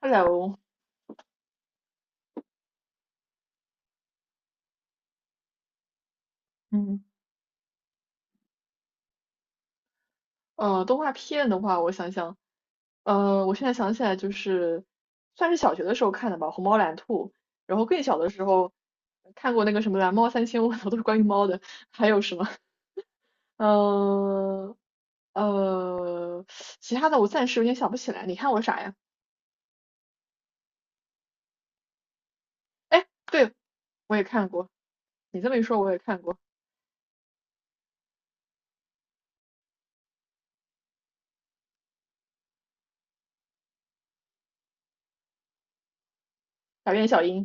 Hello，嗯，动画片的话，我想想，我现在想起来就是算是小学的时候看的吧，《虹猫蓝兔》，然后更小的时候看过那个什么《蓝猫三千问》，都是关于猫的，还有什么，呃呃，其他的我暂时有点想不起来。你看过啥呀？哎，对，我也看过，你这么一说，我也看过《傻变小樱》，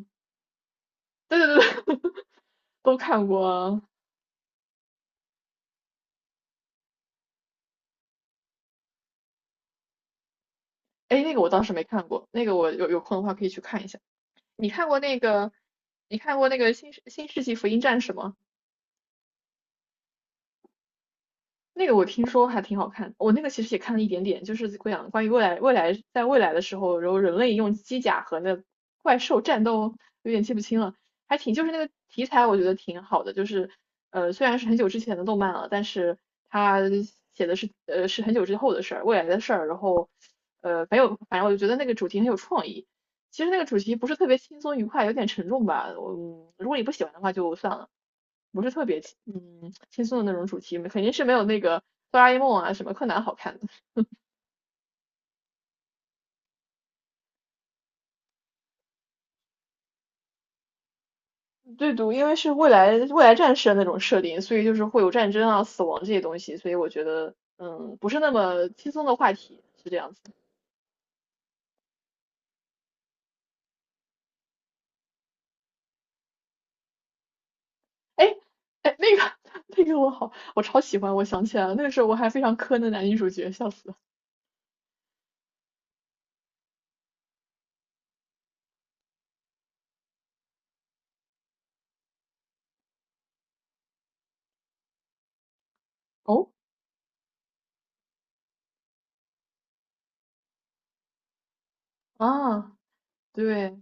对对对对，都看过啊。哎，那个我当时没看过，那个我有空的话可以去看一下。你看过那个，你看过那个新世纪福音战士吗？那个我听说还挺好看，我那个其实也看了一点点，就是讲关于未来，在未来的时候，然后人类用机甲和那怪兽战斗，有点记不清了，还挺就是那个题材我觉得挺好的，就是虽然是很久之前的动漫了，但是它写的是很久之后的事儿，未来的事儿，然后呃很有，反正我就觉得那个主题很有创意。其实那个主题不是特别轻松愉快，有点沉重吧。我如果你不喜欢的话就算了，不是特别轻松的那种主题，肯定是没有那个哆啦 A 梦啊什么柯南好看的。对读因为是未来战士的那种设定，所以就是会有战争啊、死亡这些东西，所以我觉得不是那么轻松的话题，是这样子的。哎哎，那个 那个我超喜欢，我想起来了，那个时候我还非常磕那男女主角，笑死了。哦啊，对。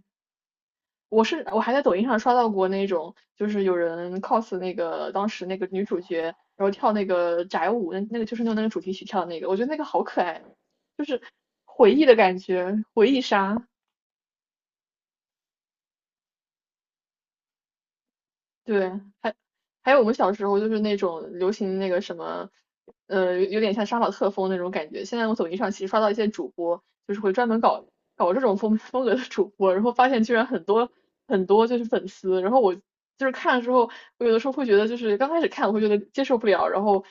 我还在抖音上刷到过那种，就是有人 cos 那个当时那个女主角，然后跳那个宅舞，那个就是用那个主题曲跳的那个，我觉得那个好可爱，就是回忆的感觉，回忆杀。对，还还有我们小时候就是那种流行那个什么，有点像杀马特风那种感觉。现在我抖音上其实刷到一些主播，就是会专门搞这种风格的主播，然后发现居然很多很多就是粉丝。然后我就是看了之后，我有的时候会觉得就是刚开始看我会觉得接受不了，然后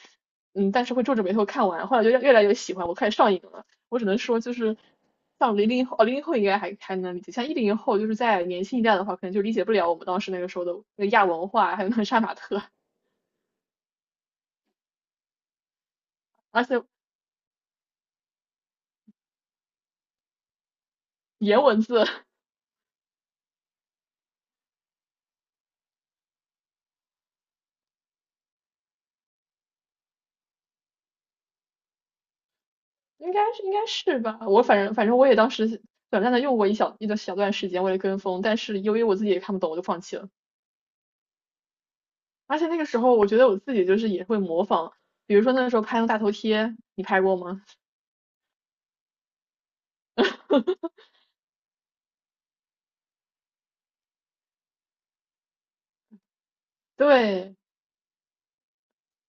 但是会皱着眉头看完，后来就越来越喜欢，我开始上瘾了。我只能说就是像零零后，哦，零零后应该还能理解，像一零后就是在年轻一代的话，可能就理解不了我们当时那个时候的那个亚文化，还有那个杀马特，而且颜文字应该是吧，我反正我也当时短暂的用过一个小段时间，为了跟风，但是由于我自己也看不懂，我就放弃了。而且那个时候，我觉得我自己就是也会模仿，比如说那个时候拍那个大头贴，你拍过吗？对，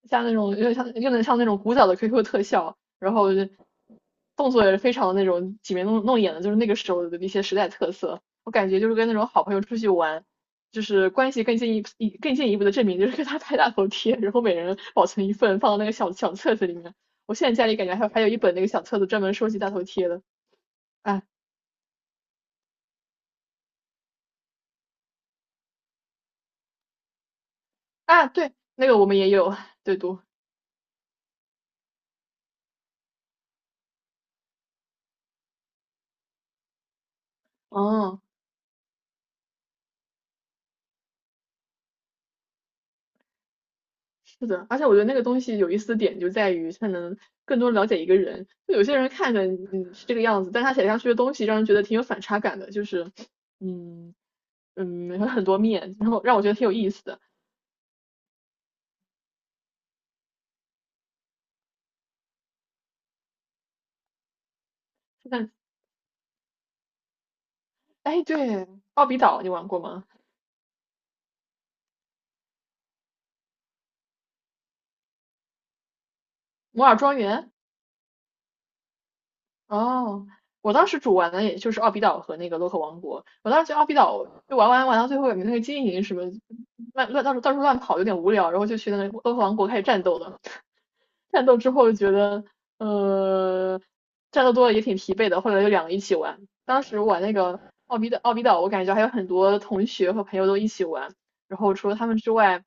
像那种又像又能像那种古早的 QQ 特效，然后动作也是非常那种挤眉弄眼的，就是那个时候的一些时代特色。我感觉就是跟那种好朋友出去玩，就是关系更进一步、更进一步的证明，就是跟他拍大头贴，然后每人保存一份，放到那个小册子里面。我现在家里感觉还有一本那个小册子专门收集大头贴的。哎啊，对，那个我们也有对读，嗯。是的，而且我觉得那个东西有意思的点就在于它能更多了解一个人。就有些人看着嗯是这个样子，但他写下去的东西让人觉得挺有反差感的，就是嗯有很多面，然后让我觉得挺有意思的。但哎，对，奥比岛你玩过吗？摩尔庄园？哦，我当时主玩的也就是奥比岛和那个洛克王国。我当时觉得奥比岛就玩到最后也没那个经营什么乱乱到处到处乱跑有点无聊，然后就去那个洛克王国开始战斗了。战斗之后就觉得，呃，战斗多了也挺疲惫的，后来就两个一起玩。当时玩那个奥比岛。奥比岛我感觉还有很多同学和朋友都一起玩，然后除了他们之外，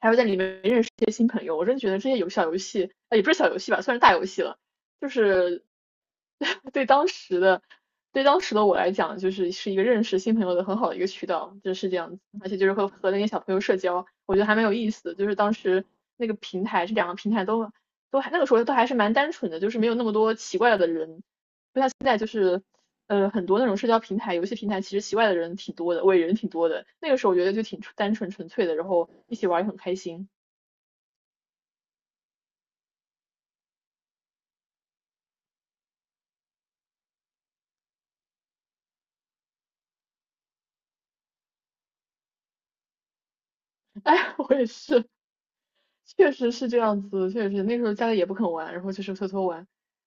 还会在里面认识一些新朋友。我真觉得这些小游戏，也不是小游戏吧，算是大游戏了，就是 对当时的对当时的我来讲，就是是一个认识新朋友的很好的一个渠道，就是这样子。而且就是和那些小朋友社交，我觉得还蛮有意思的。就是当时那个平台，这两个平台都还那个时候都还是蛮单纯的，就是没有那么多奇怪的人。现在就是很多那种社交平台、游戏平台，其实奇怪的人挺多的，伪人挺多的。那个时候我觉得就挺单纯纯粹的，然后一起玩也很开心。哎，我也是，确实是这样子，确实那时候家里也不肯玩，然后就是偷偷玩。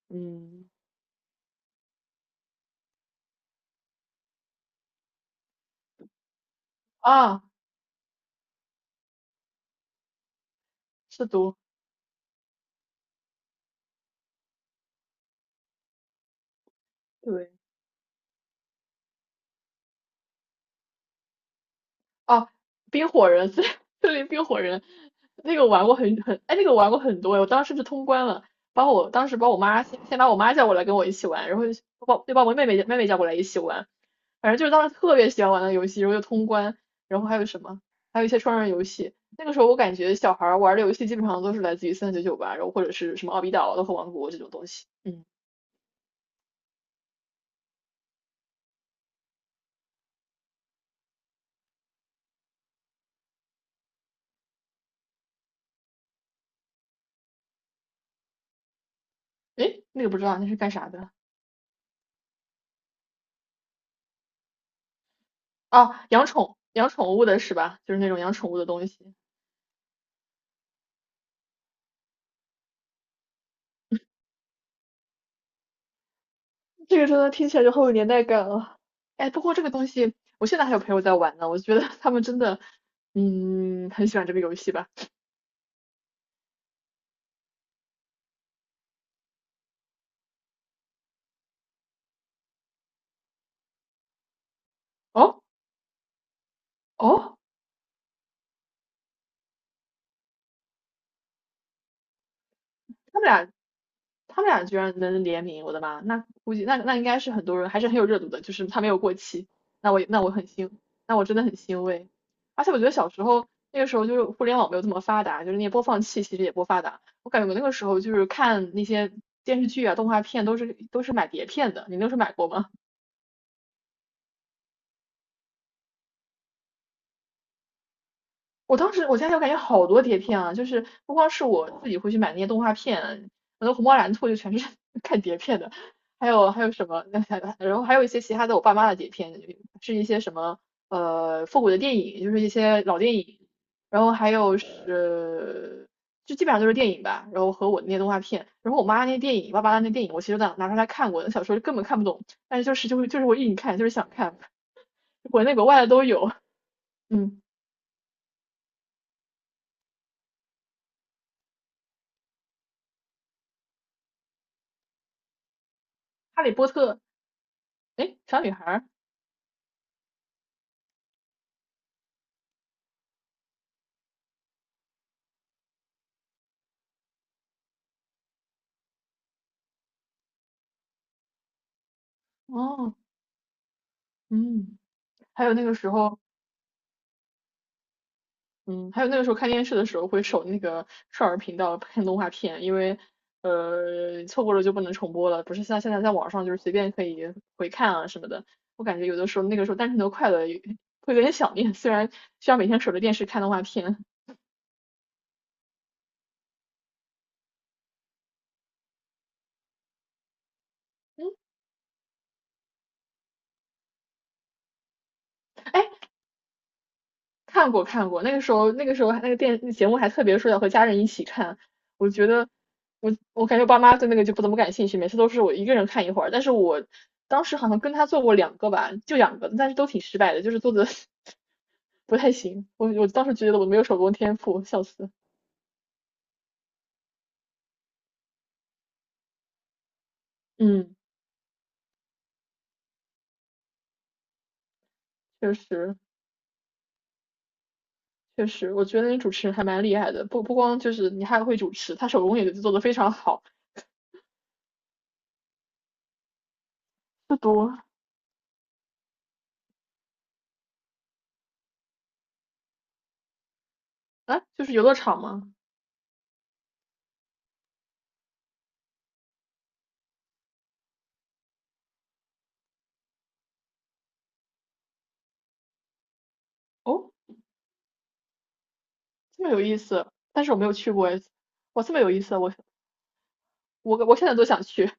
嗯，啊，是读对，哦，冰火人，森林冰火人，那个玩过很很，哎，那个玩过很多，我当时是通关了，把我当时把我妈先先把我妈叫过来跟我一起玩，然后就又把我妹妹叫过来一起玩，反正就是当时特别喜欢玩的游戏，然后又通关，然后还有什么，还有一些双人游戏。那个时候我感觉小孩儿玩的游戏基本上都是来自于三九九吧，然后或者是什么奥比岛啊、乐和王国这种东西。嗯，诶，那个不知道那是干啥的？哦，养宠物的是吧？就是那种养宠物的东西。这个真的听起来就好有年代感啊！哎，不过这个东西，我现在还有朋友在玩呢，我觉得他们真的，嗯，很喜欢这个游戏吧？哦哦，他们俩他们俩居然能联名，我的妈！那估计那应该是很多人还是很有热度的，就是他没有过期，那我那我很欣，那我真的很欣慰。而且我觉得小时候那个时候就是互联网没有这么发达，就是那些播放器其实也不发达，我感觉我那个时候就是看那些电视剧啊、动画片都是买碟片的，你那时候买过吗？我当时我家里我感觉好多碟片啊，就是不光是我自己会去买那些动画片，我的虹猫蓝兔就全是 看碟片的，还有什么，然后还有一些其他的我爸妈的碟片，是一些什么复古的电影，就是一些老电影，然后还有是就基本上都是电影吧，然后和我那些动画片，然后我妈那些电影，爸爸那些电影，我其实都拿出来看过，那小时候根本看不懂，但是就是我硬看，就是想看，国内国外的都有，嗯，哈利波特，哎，小女孩儿。哦，嗯，还有那个时候，嗯，还有那个时候看电视的时候会守那个少儿频道看动画片，因为错过了就不能重播了，不是像现在在网上就是随便可以回看啊什么的。我感觉有的时候那个时候单纯的快乐会有点想念，虽然需要每天守着电视看动画片。嗯，哎，看过看过，那个时候那个电节目还特别说要和家人一起看，我觉得我感觉爸妈对那个就不怎么感兴趣，每次都是我一个人看一会儿。但是我当时好像跟他做过两个吧，就两个，但是都挺失败的，就是做的 不太行。我当时觉得我没有手工天赋，笑死。嗯，确实确实，我觉得那主持人还蛮厉害的，不光就是你还会主持，他手工也做的非常好。不多啊，就是游乐场吗？哦，这么有意思，但是我没有去过诶。哇，这么有意思，我现在都想去。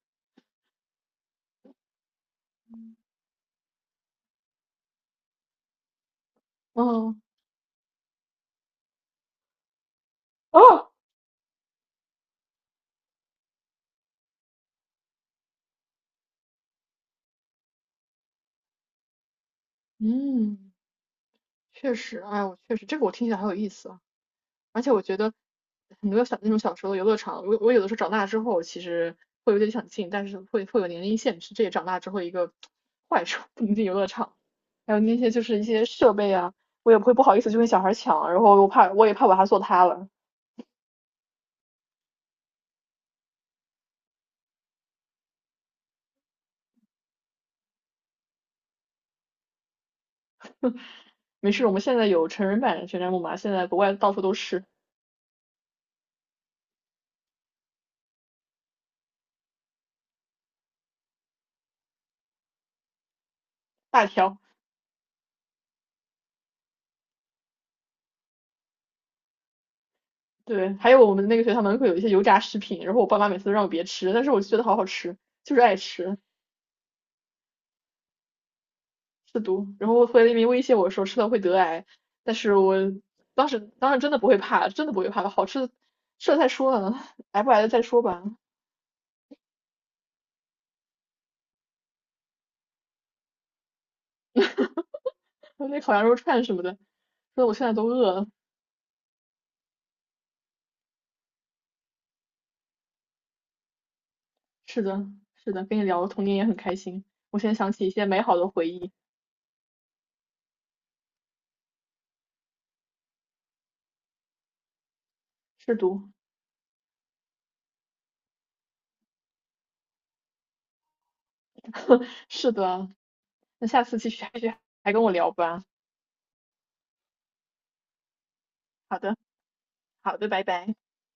嗯 哦，嗯，确实，哎，我确实这个我听起来很有意思啊，而且我觉得很多那种小时候的游乐场，我有的时候长大之后其实会有点想进，但是会有年龄限制，这也长大之后一个 坏处，不能进游乐场。还有那些就是一些设备啊，我也不好意思去跟小孩抢，然后我也怕把它做塌了。没事，我们现在有成人版旋转木马，现在国外到处都是大条。对，还有我们那个学校门口有一些油炸食品，然后我爸妈每次都让我别吃，但是我就觉得好好吃，就是爱吃，是毒。然后回来那边威胁我说吃了会得癌，但是我当时真的不会怕，真的不会怕，的，好吃的吃了再说呢，癌不癌的再说吧。那烤羊肉串什么的，说的我现在都饿了。是的，是的，跟你聊童年也很开心，我现在想起一些美好的回忆。是毒，是的，那下次继续还跟我聊吧。好的，好的，拜拜。